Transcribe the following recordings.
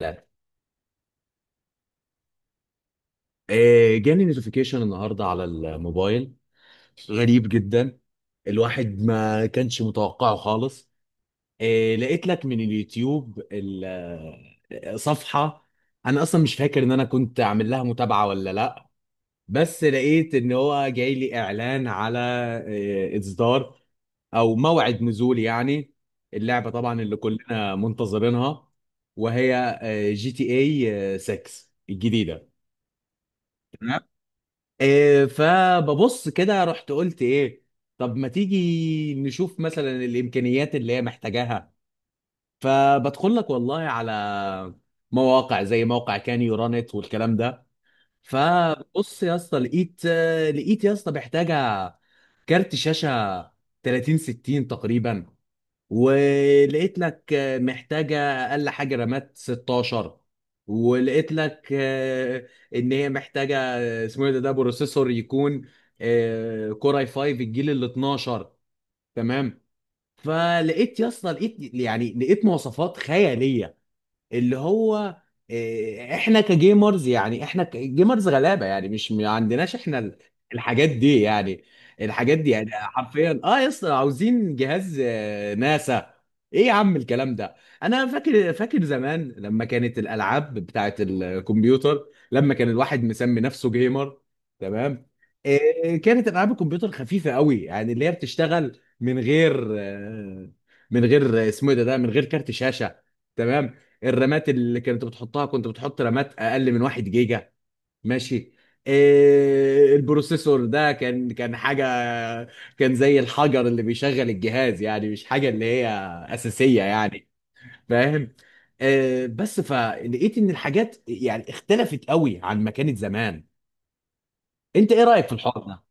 لا. جاني نوتيفيكيشن النهارده على الموبايل. غريب جدا. الواحد ما كانش متوقعه خالص. لقيت لك من اليوتيوب صفحة. انا اصلا مش فاكر ان انا كنت عامل لها متابعة ولا لا. بس لقيت ان هو جاي لي اعلان على اصدار او موعد نزول يعني. اللعبة طبعا اللي كلنا منتظرينها، وهي جي تي اي 6 الجديدة. إيه، فببص كده رحت قلت ايه؟ طب ما تيجي نشوف مثلا الامكانيات اللي هي محتاجاها. فبدخل لك والله على مواقع زي موقع كان يورانت والكلام ده. فبص يا اسطى، لقيت يا اسطى محتاجه كارت شاشه 30 60 تقريبا. ولقيت لك محتاجة أقل حاجة رامات 16. ولقيت لك إن هي محتاجة اسمه إيه ده بروسيسور يكون كور اي 5 الجيل ال 12. تمام. فلقيت يا اسطى، لقيت يعني لقيت مواصفات خيالية اللي هو احنا كجيمرز، يعني احنا كجيمرز غلابه، يعني مش ما عندناش احنا الحاجات دي يعني. الحاجات دي يعني حرفيا يا اسطى عاوزين جهاز ناسا. ايه يا عم الكلام ده؟ انا فاكر زمان لما كانت الالعاب بتاعت الكمبيوتر، لما كان الواحد مسمي نفسه جيمر. تمام. كانت العاب الكمبيوتر خفيفه قوي، يعني اللي هي بتشتغل من غير من غير اسمه إيه ده من غير كارت شاشه. تمام. الرامات اللي كانت بتحطها، كنت بتحط رامات اقل من 1 جيجا. ماشي. إيه البروسيسور ده كان حاجه، كان زي الحجر اللي بيشغل الجهاز، يعني مش حاجه اللي هي اساسيه يعني. فاهم. إيه بس فلقيت ان الحاجات يعني اختلفت قوي عن ما كانت زمان. انت ايه رايك في الحوار ده؟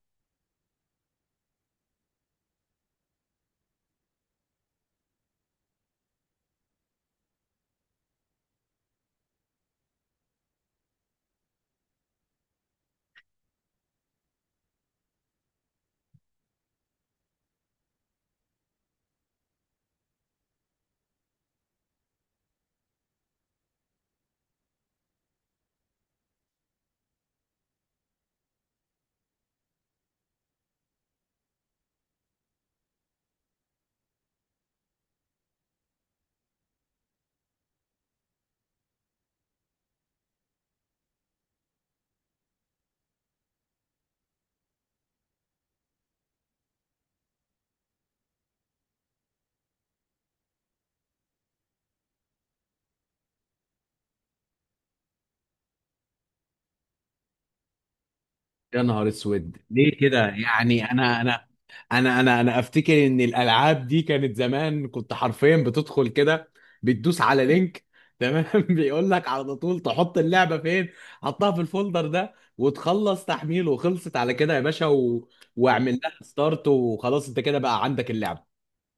يا نهار اسود، ليه كده؟ يعني انا افتكر ان الالعاب دي كانت زمان، كنت حرفيا بتدخل كده، بتدوس على لينك. تمام. بيقول لك على طول تحط اللعبه فين، حطها في الفولدر ده وتخلص تحميل، وخلصت على كده يا باشا واعمل لها ستارت وخلاص، انت كده بقى عندك اللعبه،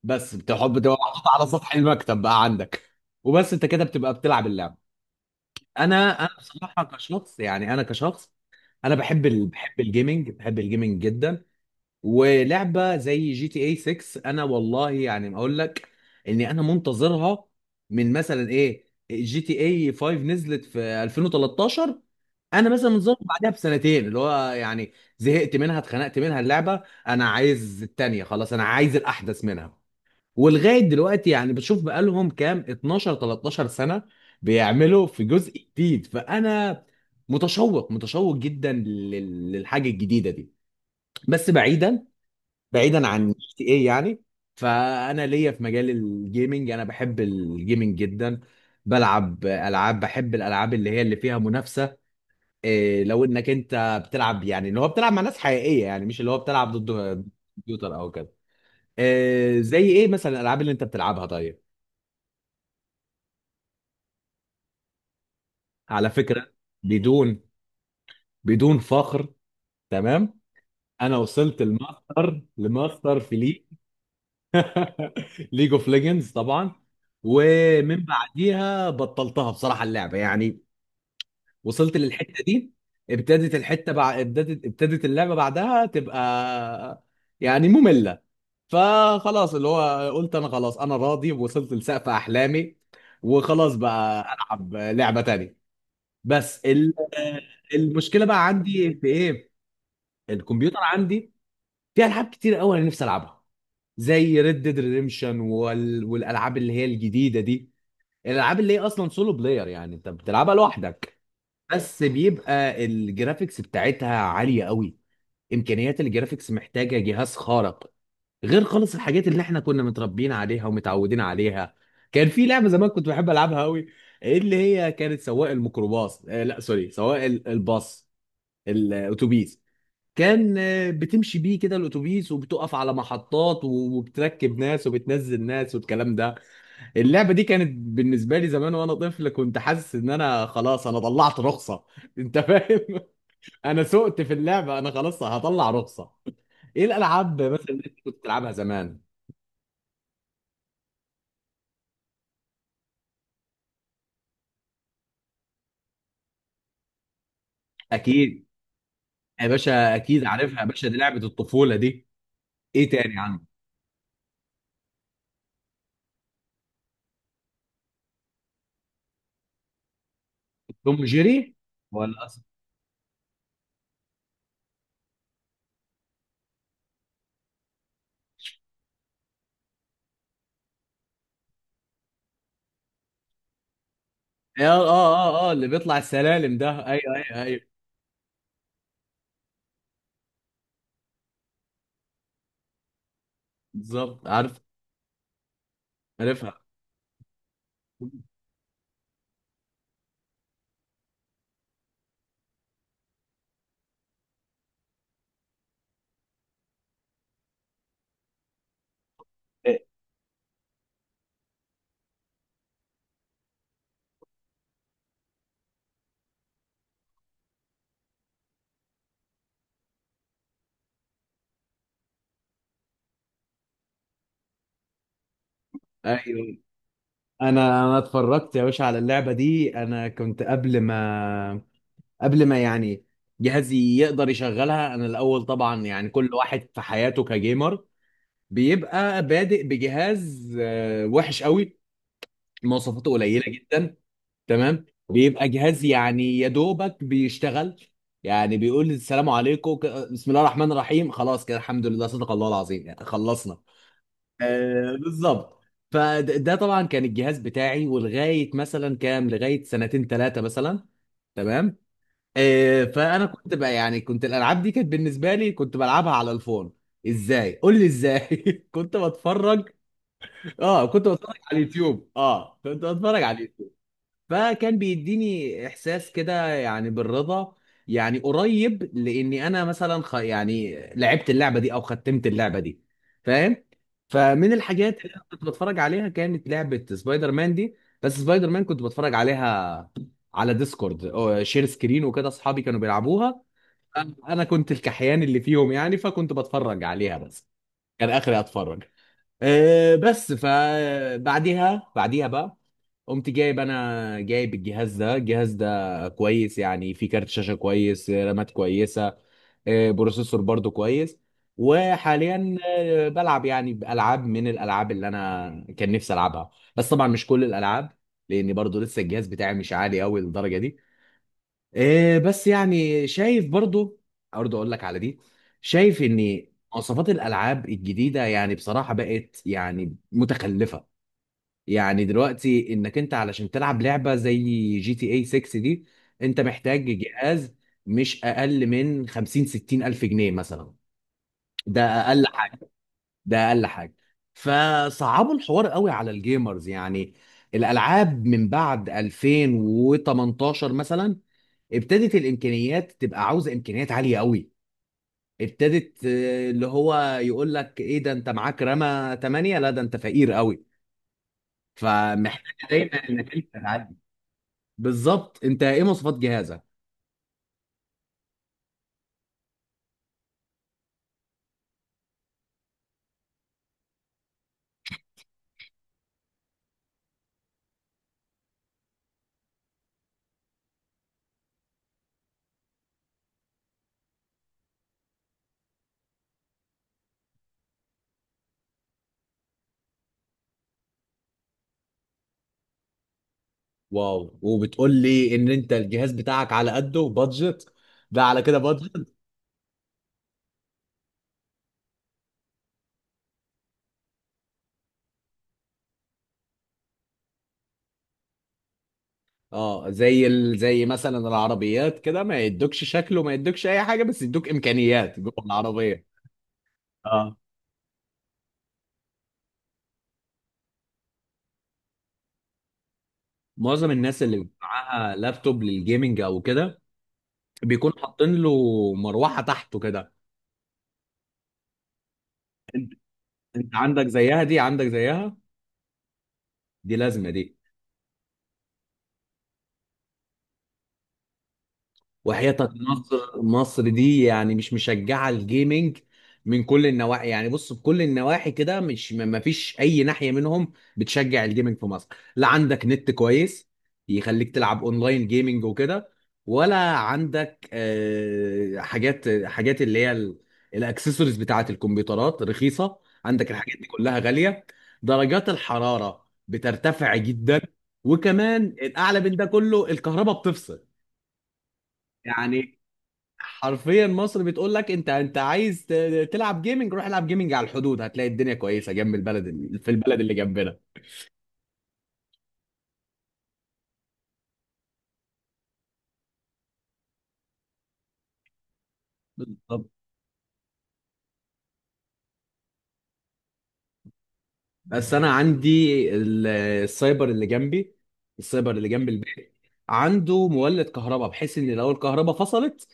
بس بتحب تبقى محطوطة على سطح المكتب بقى عندك. وبس انت كده بتبقى بتلعب اللعبه. انا بصراحه كشخص، يعني انا كشخص، انا بحب بحب الجيمنج، بحب الجيمنج جدا. ولعبه زي جي تي اي 6، انا والله يعني ما اقول لك اني انا منتظرها من مثلا ايه، جي تي اي 5 نزلت في 2013. انا مثلا منتظرها بعدها بسنتين، اللي هو يعني زهقت منها، اتخنقت منها اللعبه، انا عايز التانيه، خلاص انا عايز الاحدث منها. ولغايه دلوقتي يعني بشوف بقالهم كام، 12 13 سنه بيعملوا في جزء جديد. فانا متشوق، متشوق جدا للحاجه الجديده دي. بس بعيدا، عن جي ايه يعني. فانا ليا في مجال الجيمنج، انا بحب الجيمنج جدا. بلعب العاب، بحب الالعاب اللي هي اللي فيها منافسه. إيه لو انك انت بتلعب، يعني اللي هو بتلعب مع ناس حقيقيه، يعني مش اللي هو بتلعب ضد كمبيوتر او كده. إيه زي ايه مثلا الالعاب اللي انت بتلعبها؟ طيب، على فكره، بدون بدون فخر، تمام، انا وصلت لماستر في ليج اوف ليجندز طبعا. ومن بعديها بطلتها بصراحه اللعبه يعني، وصلت للحته دي. ابتدت الحته بع... ابتدت ابتدت اللعبه بعدها تبقى يعني ممله. فخلاص اللي هو قلت انا خلاص انا راضي، وصلت لسقف احلامي، وخلاص بقى العب لعبه تانية. بس ال... المشكله بقى عندي في ايه؟ الكمبيوتر عندي فيه العاب كتير قوي انا نفسي العبها، زي ريد ديد ريديمشن والالعاب اللي هي الجديده دي. الالعاب اللي هي اصلا سولو بلاير، يعني انت بتلعبها لوحدك. بس بيبقى الجرافيكس بتاعتها عاليه قوي. امكانيات الجرافيكس محتاجه جهاز خارق، غير خالص الحاجات اللي احنا كنا متربيين عليها ومتعودين عليها. كان في لعبه زمان كنت بحب العبها قوي، اللي هي كانت سواق الميكروباص، لا سوري، سواق الباص، الاتوبيس. كان بتمشي بيه كده الاتوبيس، وبتقف على محطات وبتركب ناس وبتنزل ناس والكلام ده. اللعبه دي كانت بالنسبه لي زمان وانا طفل، كنت حاسس ان انا خلاص انا طلعت رخصه. انت فاهم؟ انا سقت في اللعبه، انا خلاص هطلع رخصه. ايه الالعاب مثلا اللي انت كنت بتلعبها زمان؟ اكيد يا باشا، اكيد عارفها يا باشا، دي لعبه الطفوله دي. ايه تاني عنه؟ توم جيري ولا اصلا؟ اه، اه، اه، اه اللي بيطلع السلالم ده، ايوه ايوه ايوه، بالظبط، عارف، عارفها. ايوه. انا اتفرجت يا باشا على اللعبه دي، انا كنت قبل ما يعني جهازي يقدر يشغلها. انا الاول طبعا يعني كل واحد في حياته كجيمر بيبقى بادئ بجهاز وحش قوي، مواصفاته قليله جدا. تمام. بيبقى جهاز يعني يا دوبك بيشتغل، يعني بيقول السلام عليكم، بسم الله الرحمن الرحيم، خلاص كده الحمد لله صدق الله العظيم يعني خلصنا. بالظبط. فده طبعا كان الجهاز بتاعي، ولغايه مثلا كام، لغايه سنتين ثلاثه مثلا. تمام. فانا كنت بقى يعني كنت الالعاب دي كانت بالنسبه لي كنت بلعبها على الفون. ازاي؟ قول لي ازاي. كنت بتفرج. اه كنت بتفرج على اليوتيوب، اه كنت بتفرج على. فكان بيديني احساس كده يعني بالرضا، يعني قريب لاني انا مثلا يعني لعبت اللعبه دي او ختمت اللعبه دي. فاهم؟ فمن الحاجات اللي أنا كنت بتفرج عليها كانت لعبه سبايدر مان دي. بس سبايدر مان كنت بتفرج عليها على ديسكورد أو شير سكرين وكده، اصحابي كانوا بيلعبوها، انا كنت الكحيان اللي فيهم يعني، فكنت بتفرج عليها بس. كان اخري اتفرج. أه بس فبعديها بعديها بعديها بقى قمت جايب، انا جايب الجهاز ده، الجهاز ده كويس يعني، فيه كارت شاشة كويس، رامات كويسة، بروسيسور برضو كويس. وحاليا بلعب يعني بألعاب من الألعاب اللي انا كان نفسي ألعبها، بس طبعا مش كل الألعاب، لأن برضو لسه الجهاز بتاعي مش عالي قوي للدرجة دي. بس يعني شايف برضو، برضو اقول لك على دي، شايف ان مواصفات الألعاب الجديدة يعني بصراحة بقت يعني متخلفة. يعني دلوقتي انك انت علشان تلعب لعبه زي جي تي اي 6 دي، انت محتاج جهاز مش اقل من 50 60 الف جنيه مثلا، ده اقل حاجه، ده اقل حاجه. فصعبوا الحوار قوي على الجيمرز يعني. الالعاب من بعد 2018 مثلا ابتدت الامكانيات تبقى عاوزه امكانيات عاليه قوي. ابتدت اللي هو يقول لك ايه ده، انت معاك رامة 8، لا ده انت فقير قوي، فمحتاج دايما انك انت. بالظبط. انت ايه مواصفات جهازك؟ واو، وبتقول لي ان انت الجهاز بتاعك على قده بادجت؟ ده على كده بادجت. اه، زي زي مثلا العربيات كده، ما يدوكش شكله، ما يدوكش اي حاجه بس يدوك امكانيات جوه العربيه. اه معظم الناس اللي بيبقى معاها لابتوب للجيمنج او كده بيكون حاطين له مروحه تحته كده. انت عندك زيها دي، عندك زيها، دي لازمه دي. وحياتك مصر، مصر دي يعني مش مشجعه الجيمنج من كل النواحي، يعني بص بكل النواحي كده مش ما فيش اي ناحيه منهم بتشجع الجيمنج في مصر. لا عندك نت كويس يخليك تلعب اونلاين جيمنج وكده، ولا عندك حاجات اللي هي الاكسسوارز بتاعه الكمبيوترات رخيصه. عندك الحاجات دي كلها غاليه. درجات الحراره بترتفع جدا. وكمان الاعلى من ده كله الكهرباء بتفصل. يعني حرفيا مصر بتقول لك انت عايز تلعب جيمنج، روح العب جيمنج على الحدود، هتلاقي الدنيا كويسه جنب البلد، في البلد اللي جنبنا. بالظبط. بس انا عندي، السايبر اللي جنبي، السايبر اللي جنب البيت عنده مولد كهرباء، بحيث ان لو الكهرباء فصلت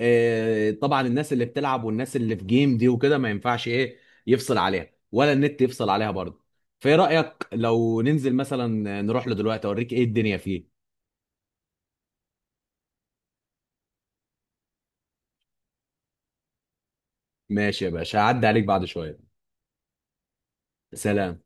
طبعا الناس اللي بتلعب والناس اللي في جيم دي وكده ما ينفعش ايه، يفصل عليها، ولا النت يفصل عليها برضه. فايه رايك لو ننزل مثلا نروح له دلوقتي اوريك ايه الدنيا فيه؟ ماشي يا باشا، هعدي عليك بعد شويه. سلام.